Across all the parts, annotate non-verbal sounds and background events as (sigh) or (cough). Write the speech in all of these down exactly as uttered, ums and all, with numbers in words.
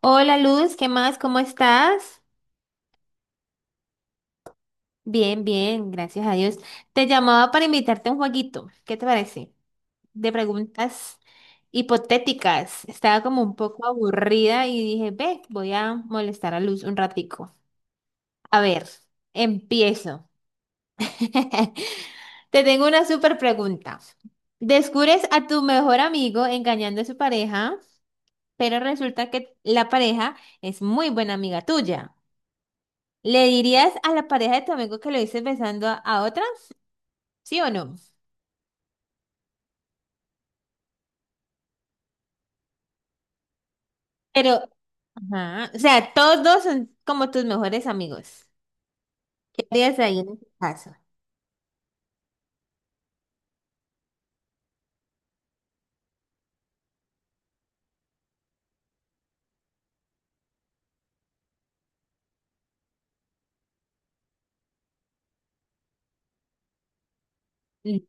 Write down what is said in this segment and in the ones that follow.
Hola Luz, ¿qué más? ¿Cómo estás? Bien, bien, gracias a Dios. Te llamaba para invitarte a un jueguito. ¿Qué te parece? De preguntas hipotéticas. Estaba como un poco aburrida y dije, ve, voy a molestar a Luz un ratico. A ver, empiezo. (laughs) Te tengo una súper pregunta. Descubres a tu mejor amigo engañando a su pareja, pero resulta que la pareja es muy buena amiga tuya. ¿Le dirías a la pareja de tu amigo que lo hice besando a, a otra? ¿Sí o no? Pero, ajá, o sea, todos dos son como tus mejores amigos. ¿Qué harías ahí en ese caso? Mm.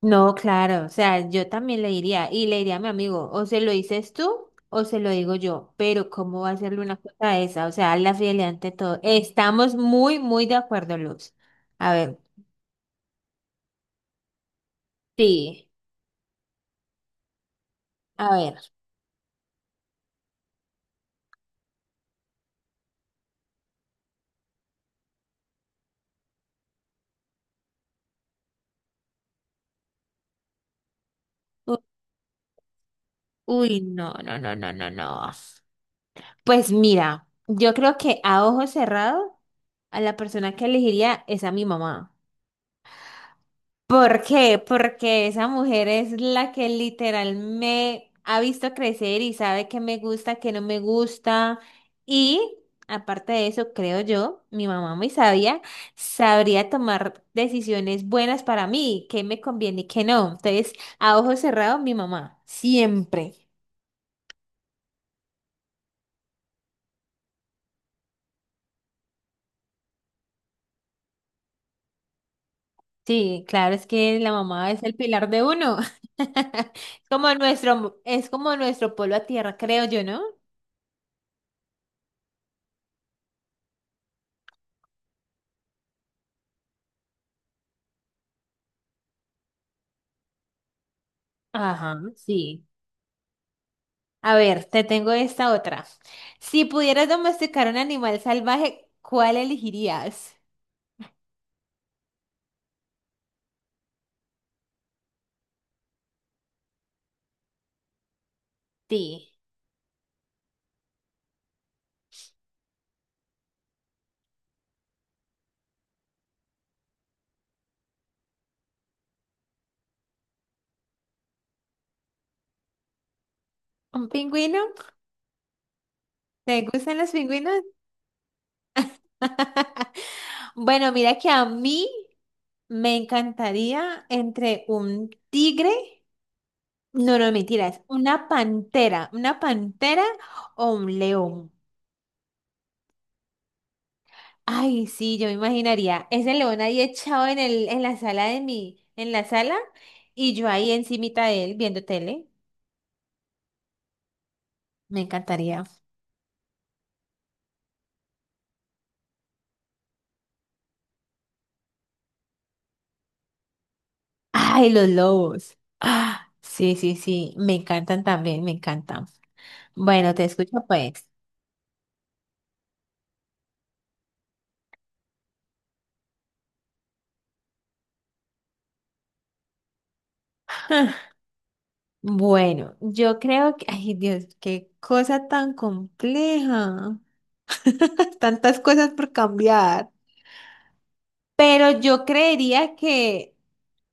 No, claro, o sea, yo también le diría, y le diría a mi amigo, o se lo dices tú o se lo digo yo, pero ¿cómo va a hacerle una cosa a esa? O sea, la fidelidad ante todo. Estamos muy, muy de acuerdo, Luz. A ver, sí, a ver. U- Uy, no, no, no, no, no, no. Pues mira, yo creo que a ojo cerrado, a la persona que elegiría es a mi mamá. ¿Por qué? Porque esa mujer es la que literal me ha visto crecer y sabe qué me gusta, qué no me gusta. Y aparte de eso, creo yo, mi mamá muy sabia, sabría tomar decisiones buenas para mí, qué me conviene y qué no. Entonces, a ojo cerrado, mi mamá, siempre. Sí, claro, es que la mamá es el pilar de uno. (laughs) Es como nuestro, es como nuestro polo a tierra, creo yo, ¿no? Ajá, sí. A ver, te tengo esta otra. Si pudieras domesticar un animal salvaje, ¿cuál elegirías? Sí. ¿Un pingüino? ¿Te gustan los pingüinos? (laughs) Bueno, mira que a mí me encantaría entre un tigre. No, no, mentira, es una pantera, una pantera o un león. Ay, sí, yo me imaginaría ese león ahí echado en el, en la sala de mi, en la sala y yo ahí encimita de él viendo tele. Me encantaría. Ay, los lobos. Ah, sí, sí, sí, me encantan también, me encantan. Bueno, te escucho pues. Bueno, yo creo que, ay Dios, qué cosa tan compleja. (laughs) Tantas cosas por cambiar. Pero yo creería que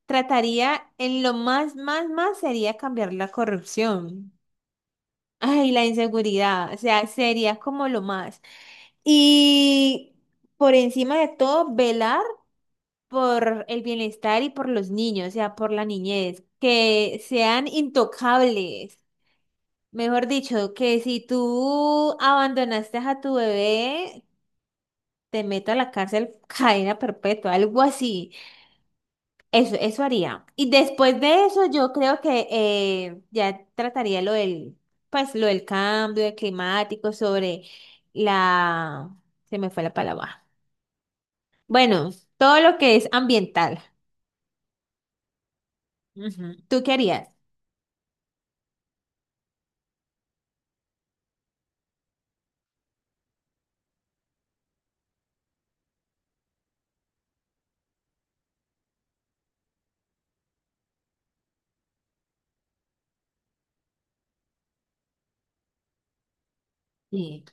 trataría en lo más, más, más sería cambiar la corrupción. Ay, la inseguridad, o sea, sería como lo más. Y por encima de todo, velar por el bienestar y por los niños, o sea, por la niñez, que sean intocables. Mejor dicho, que si tú abandonaste a tu bebé, te meto a la cárcel, (laughs) cadena perpetua, algo así. Eso, eso haría. Y después de eso, yo creo que eh, ya trataría lo del, pues, lo del cambio de climático sobre la... Se me fue la palabra. Bueno, todo lo que es ambiental. Ujú. ¿Tú qué harías? Sí.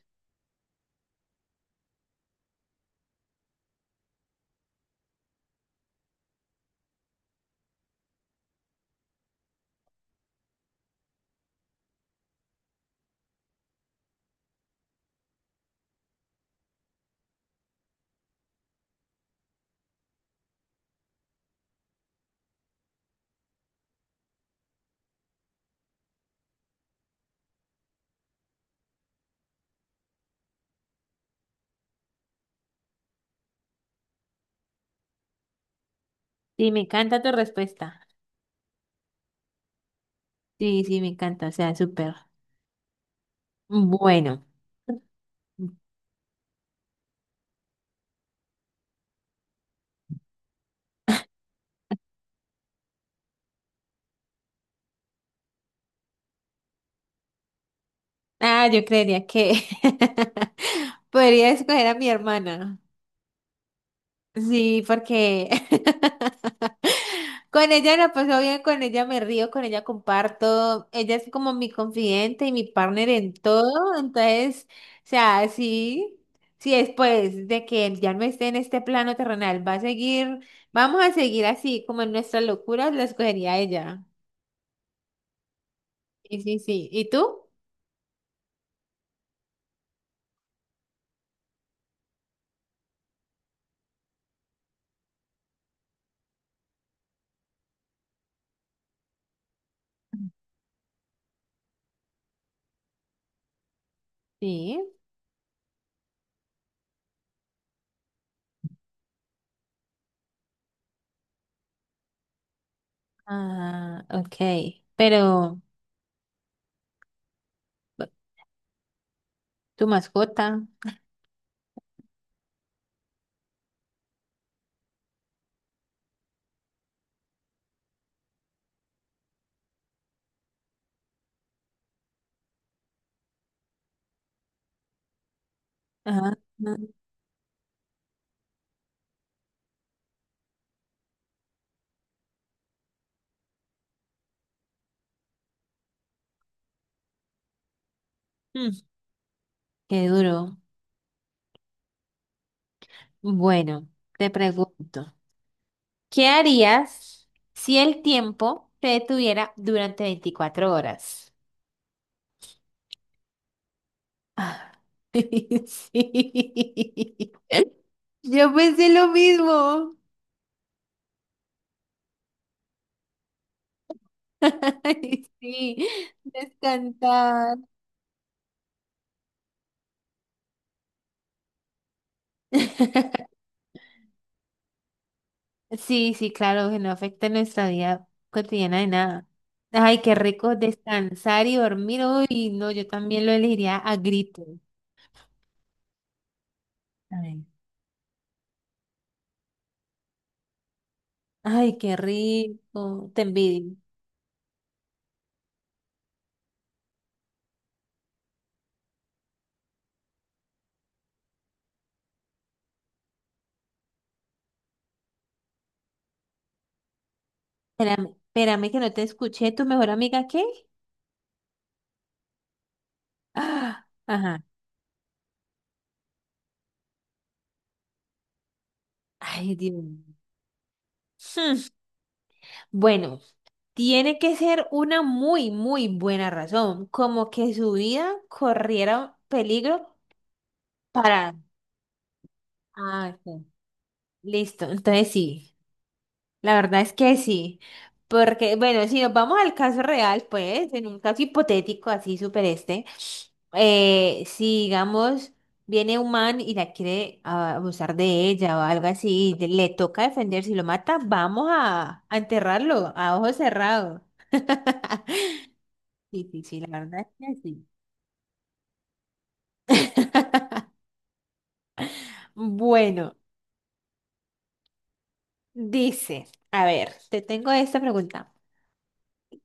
Sí, me encanta tu respuesta. Sí, sí, me encanta. O sea, súper. Bueno. Ah, yo creería que (laughs) podría escoger a mi hermana. Sí, porque (laughs) con ella la paso bien, con ella me río, con ella comparto. Ella es como mi confidente y mi partner en todo. Entonces, o sea, sí, sí, después de que ya no esté en este plano terrenal, va a seguir, vamos a seguir así, como en nuestras locuras, la escogería ella. Sí, sí, sí. ¿Y tú? Sí. Ah, ok. Pero, tu mascota. Ajá. Mm, qué duro. Bueno, te pregunto. ¿Qué harías si el tiempo se detuviera durante veinticuatro horas? Ah, (laughs) sí. Yo pensé lo mismo. (laughs) Ay, sí, descansar. (laughs) Sí, sí, claro, que no afecta nuestra vida cotidiana de nada. Ay, qué rico descansar y dormir. Uy, no, yo también lo elegiría a grito. Ay, ay, qué rico. Te envidio. Espérame, espérame que no te escuché. ¿Tu mejor amiga qué? (gasps) Ah, ajá. Ay, Dios. Hmm, bueno, tiene que ser una muy, muy buena razón, como que su vida corriera peligro para... Ah, ok, listo, entonces sí. La verdad es que sí, porque bueno, si nos vamos al caso real, pues, en un caso hipotético así súper este, eh, si digamos viene un man y la quiere ah, abusar de ella o algo así, y le toca defender, si lo mata, vamos a, a enterrarlo a ojos cerrados. Sí, sí, sí, la verdad es que sí. Bueno, dice, a ver, te tengo esta pregunta.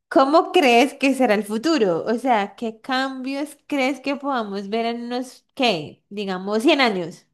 ¿Cómo crees que será el futuro? O sea, ¿qué cambios crees que podamos ver en unos, qué, digamos, cien años?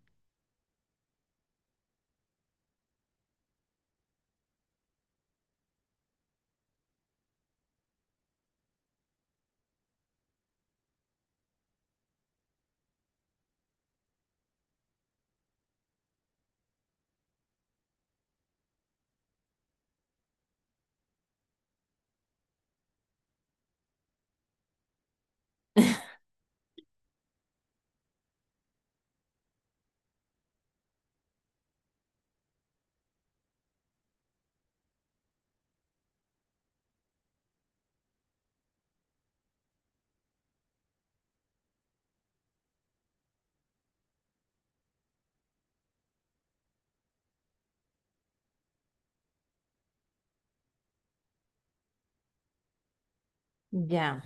Ya,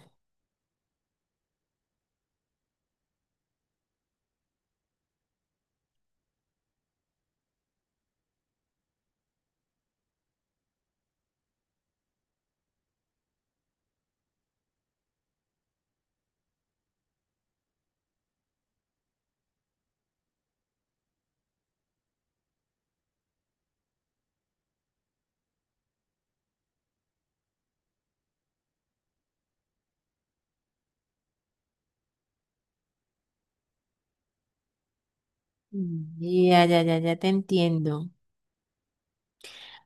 mm, ya, ya, ya, ya te entiendo.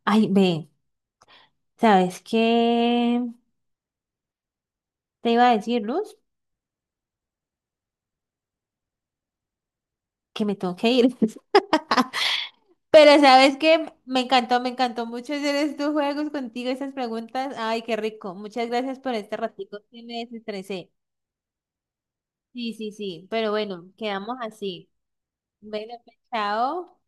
Ay, ve, ¿sabes qué? Te iba a decir, Luz, que me tengo que ir. (laughs) Pero ¿sabes qué? Me encantó, me encantó mucho hacer estos juegos contigo, esas preguntas. Ay, qué rico. Muchas gracias por este ratico que me desestresé. Sí, sí, sí. Pero bueno, quedamos así. Bueno, pues, chao.